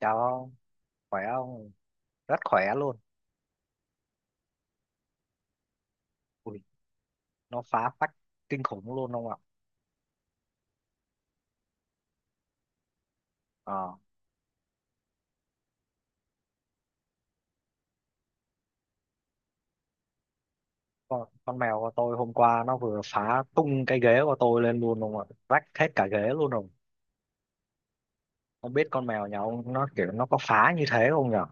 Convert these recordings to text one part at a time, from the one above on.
Chào ông, khỏe không? Rất khỏe luôn. Ui, nó phá phách kinh khủng luôn ông ạ. Ờ, con mèo của tôi hôm qua nó vừa phá tung cái ghế của tôi lên luôn ông ạ. Rách hết cả ghế luôn rồi. Không biết con mèo nhà ông nó kiểu nó có phá như thế không nhở?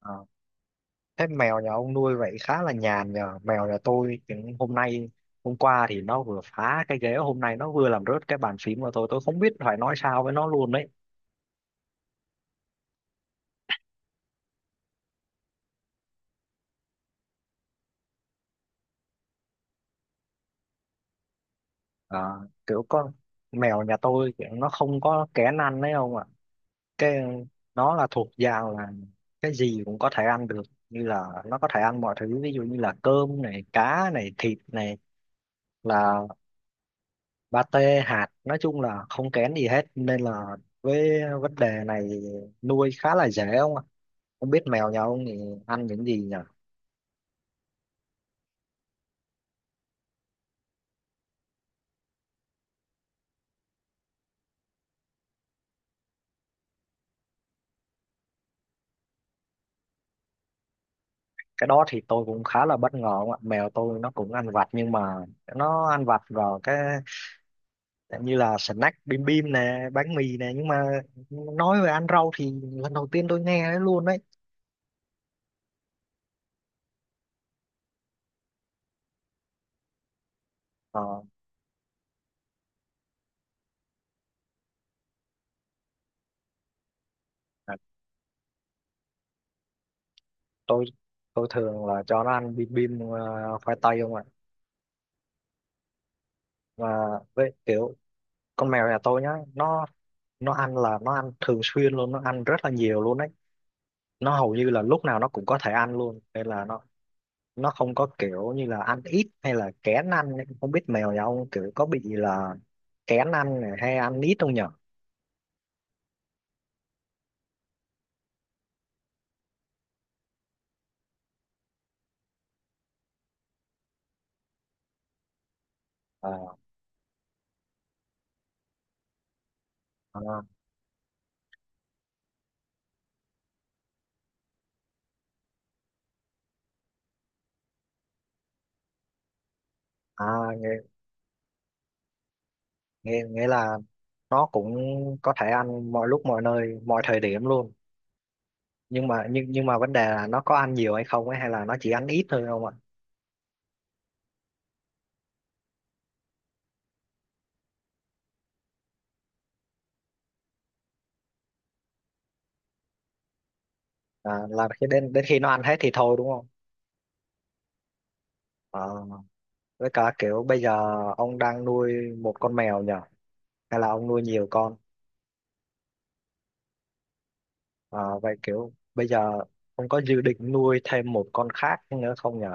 Ờ, thế mèo nhà ông nuôi vậy khá là nhàn nhờ. Mèo nhà tôi thì hôm qua thì nó vừa phá cái ghế, hôm nay nó vừa làm rớt cái bàn phím của tôi. Tôi không biết phải nói sao với nó luôn đấy. À, kiểu con mèo nhà tôi kiểu nó không có kén ăn đấy không ạ, cái nó là thuộc dạng là cái gì cũng có thể ăn được, như là nó có thể ăn mọi thứ, ví dụ như là cơm này, cá này, thịt này, là pate hạt, nói chung là không kén gì hết nên là với vấn đề này nuôi khá là dễ không ạ. Không biết mèo nhà ông thì ăn những gì nhỉ? Cái đó thì tôi cũng khá là bất ngờ không ạ. Mèo tôi nó cũng ăn vặt nhưng mà nó ăn vặt vào cái như là snack bim bim nè, bánh mì nè, nhưng mà nói về ăn rau thì lần đầu tiên tôi nghe đấy luôn đấy. ờ, à, tôi tôi thường là cho nó ăn bim bim khoai tây không ạ. Mà với kiểu con mèo nhà tôi nhá, nó nó ăn là nó ăn thường xuyên luôn, nó ăn rất là nhiều luôn đấy. Nó hầu như là lúc nào nó cũng có thể ăn luôn nên là nó không có kiểu như là ăn ít hay là kén ăn ấy. Không biết mèo nhà ông kiểu có bị là kén ăn này hay ăn ít không nhở? Ờ, ờ. à, nghe nghe nghĩa là nó cũng có thể ăn mọi lúc mọi nơi mọi thời điểm luôn. Nhưng mà vấn đề là nó có ăn nhiều hay không ấy, hay là nó chỉ ăn ít thôi không ạ. À, là khi đến đến khi nó ăn hết thì thôi đúng không? Ờ, với cả kiểu bây giờ ông đang nuôi một con mèo nhỉ, hay là ông nuôi nhiều con? Ờ, vậy kiểu bây giờ ông có dự định nuôi thêm một con khác nữa không nhỉ?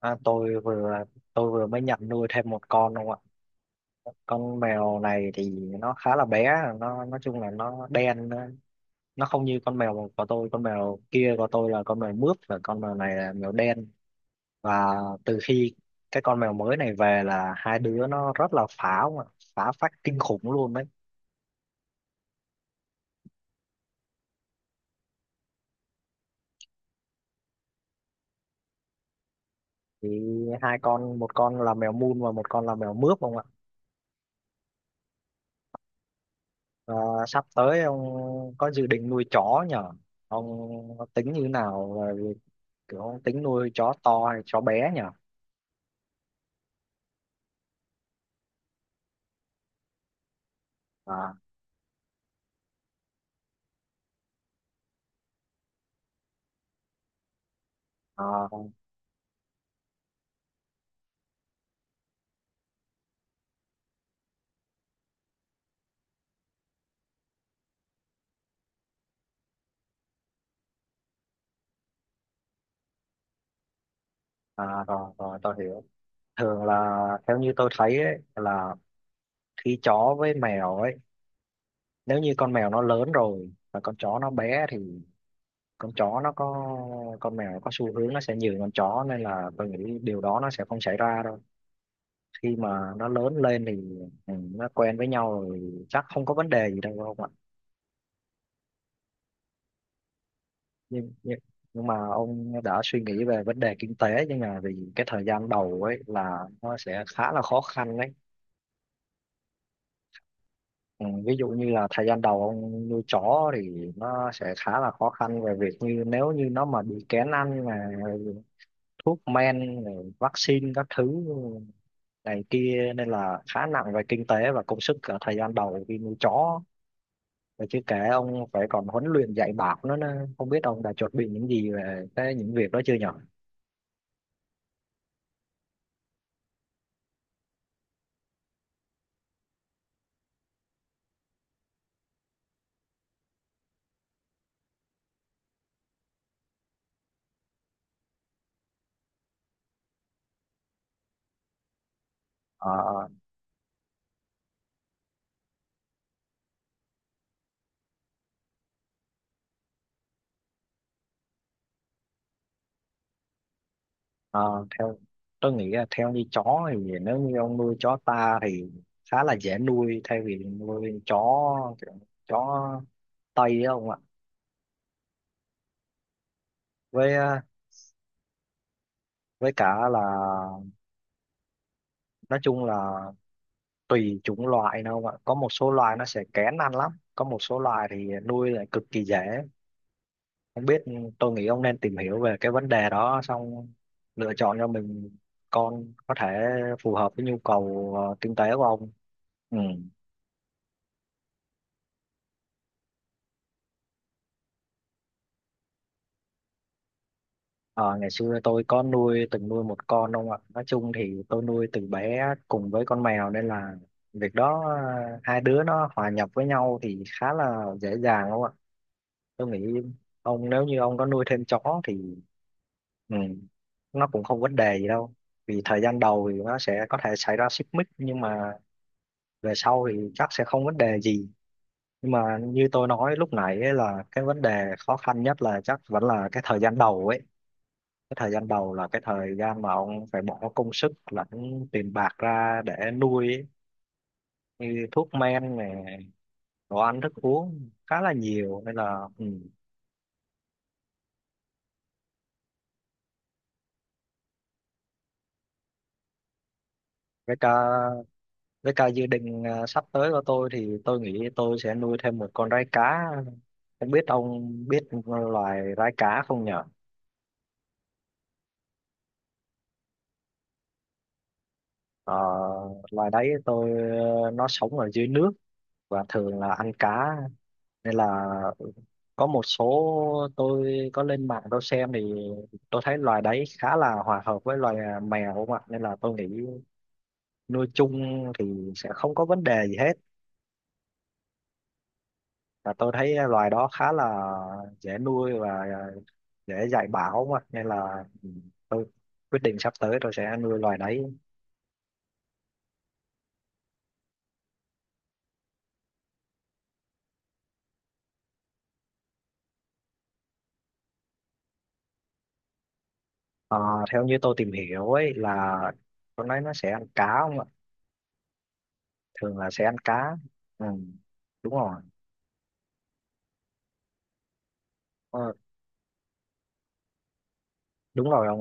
À, tôi vừa mới nhận nuôi thêm một con không ạ. Con mèo này thì nó khá là bé, nó nói chung là nó đen, nó không như con mèo của tôi. Con mèo kia của tôi là con mèo mướp và con mèo này là mèo đen. Và từ khi cái con mèo mới này về là hai đứa nó rất là phá ông ạ. Phá phách kinh khủng luôn đấy. Thì hai con, một con là mèo mun và một con là mèo mướp không ạ. Và sắp tới ông có dự định nuôi chó nhở? Ông tính như thế nào về việc ông tính nuôi chó to hay chó bé nhở? à, à, À, rồi, rồi, tôi hiểu. Thường là theo như tôi thấy ấy, là khi chó với mèo ấy, nếu như con mèo nó lớn rồi và con chó nó bé thì con chó nó có con mèo nó có xu hướng nó sẽ nhường con chó, nên là tôi nghĩ điều đó nó sẽ không xảy ra đâu. Khi mà nó lớn lên thì nó quen với nhau rồi chắc không có vấn đề gì đâu không ạ? Nhưng, nhưng nhưng mà ông đã suy nghĩ về vấn đề kinh tế, nhưng mà vì cái thời gian đầu ấy là nó sẽ khá là khó khăn đấy. Ừ, ví dụ như là thời gian đầu ông nuôi chó thì nó sẽ khá là khó khăn về việc như nếu như nó mà bị kén ăn, mà thuốc men rồi vaccine các thứ này kia nên là khá nặng về kinh tế và công sức ở thời gian đầu khi nuôi chó. Và chứ kể ông phải còn huấn luyện dạy bảo nó nữa, không biết ông đã chuẩn bị những gì về cái những việc đó chưa nhỉ? Ờ, Ờ, theo tôi nghĩ là theo như chó thì nếu như ông nuôi chó ta thì khá là dễ nuôi, thay vì nuôi chó kiểu chó Tây á ông ạ. Với ờ, với cả là nói chung là tùy chủng loại nữa ông ạ. Có một số loài nó sẽ kén ăn lắm, có một số loài thì nuôi lại cực kỳ dễ. Không biết, tôi nghĩ ông nên tìm hiểu về cái vấn đề đó xong lựa chọn cho mình con có thể phù hợp với nhu cầu kinh tế của ông. Ừ. Ờ, ngày xưa tôi có nuôi từng nuôi một con ông ạ. Nói chung thì tôi nuôi từ bé cùng với con mèo nên là việc đó hai đứa nó hòa nhập với nhau thì khá là dễ dàng ông ạ. Tôi nghĩ nếu như ông có nuôi thêm chó thì ừ, nó cũng không vấn đề gì đâu. Vì thời gian đầu thì nó sẽ có thể xảy ra xích mích nhưng mà về sau thì chắc sẽ không vấn đề gì. Nhưng mà như tôi nói lúc nãy ấy, là cái vấn đề khó khăn nhất là chắc vẫn là cái thời gian đầu ấy. Cái thời gian đầu là cái thời gian mà ông phải bỏ công sức lẫn tiền bạc ra để nuôi ấy. Như thuốc men này, đồ ăn thức uống khá là nhiều nên là ừ. với cả với cả dự định sắp tới của tôi thì tôi nghĩ tôi sẽ nuôi thêm một con rái cá. Không biết ông biết loài rái cá không nhở? Ờ, loài đấy tôi nó sống ở dưới nước và thường là ăn cá, nên là có một số, tôi có lên mạng tôi xem thì tôi thấy loài đấy khá là hòa hợp với loài mèo không ạ, nên là tôi nghĩ nuôi chung thì sẽ không có vấn đề gì hết. Và tôi thấy loài đó khá là dễ nuôi và dễ dạy bảo không ạ, nên là tôi quyết định sắp tới tôi sẽ nuôi loài đấy. Ờ, theo như tôi tìm hiểu ấy là con đấy nó sẽ ăn cá không ạ. Thường là sẽ ăn cá. Ừ, đúng rồi. Ờ, đúng rồi không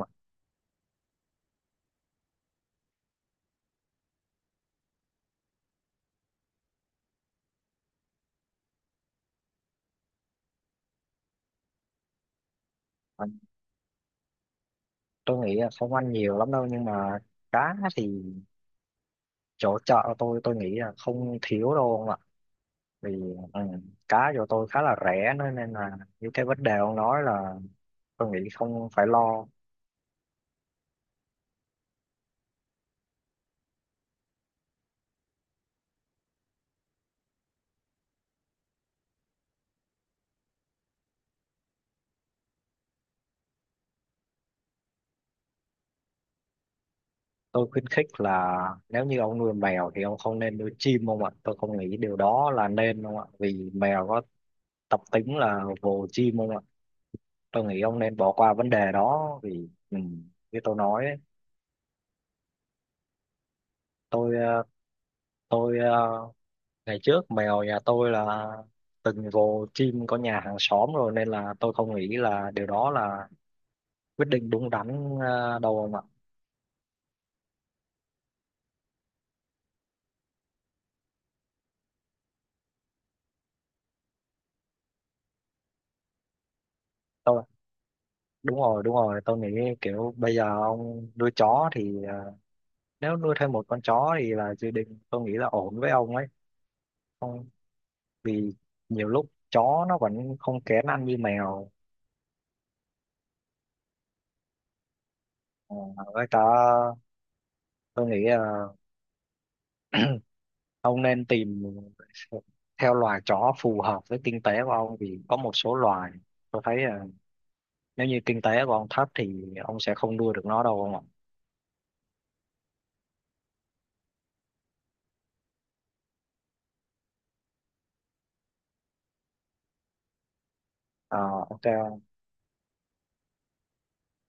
ạ. Tôi nghĩ là không ăn nhiều lắm đâu, nhưng mà cá thì chỗ chợ tôi nghĩ là không thiếu đâu ông ạ. Vì ừ, cá chỗ tôi khá là rẻ nữa nên là những cái vấn đề ông nói là tôi nghĩ không phải lo. Tôi khuyến khích là nếu như ông nuôi mèo thì ông không nên nuôi chim ông ạ. Tôi không nghĩ điều đó là nên ông ạ, vì mèo có tập tính là vồ chim ông ạ. Tôi nghĩ ông nên bỏ qua vấn đề đó vì như tôi nói ấy, tôi ờ, tôi ờ, ngày trước mèo nhà tôi là từng vồ chim có nhà hàng xóm rồi, nên là tôi không nghĩ là điều đó là quyết định đúng đắn đâu ông ạ. tôi Đúng rồi, đúng rồi, tôi nghĩ kiểu bây giờ ông nuôi chó thì nếu nuôi thêm một con chó thì là dự định tôi nghĩ là ổn với ông ấy không, vì nhiều lúc chó nó vẫn không kén ăn như mèo. Ờ, với cả tôi nghĩ là ông nên tìm theo loài chó phù hợp với kinh tế của ông, vì có một số loài tôi thấy nếu như kinh tế của ông thấp thì ông sẽ không nuôi được nó đâu ông ạ. Ờ, ok ông.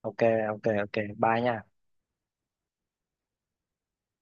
Ok ok Ok, bye nha.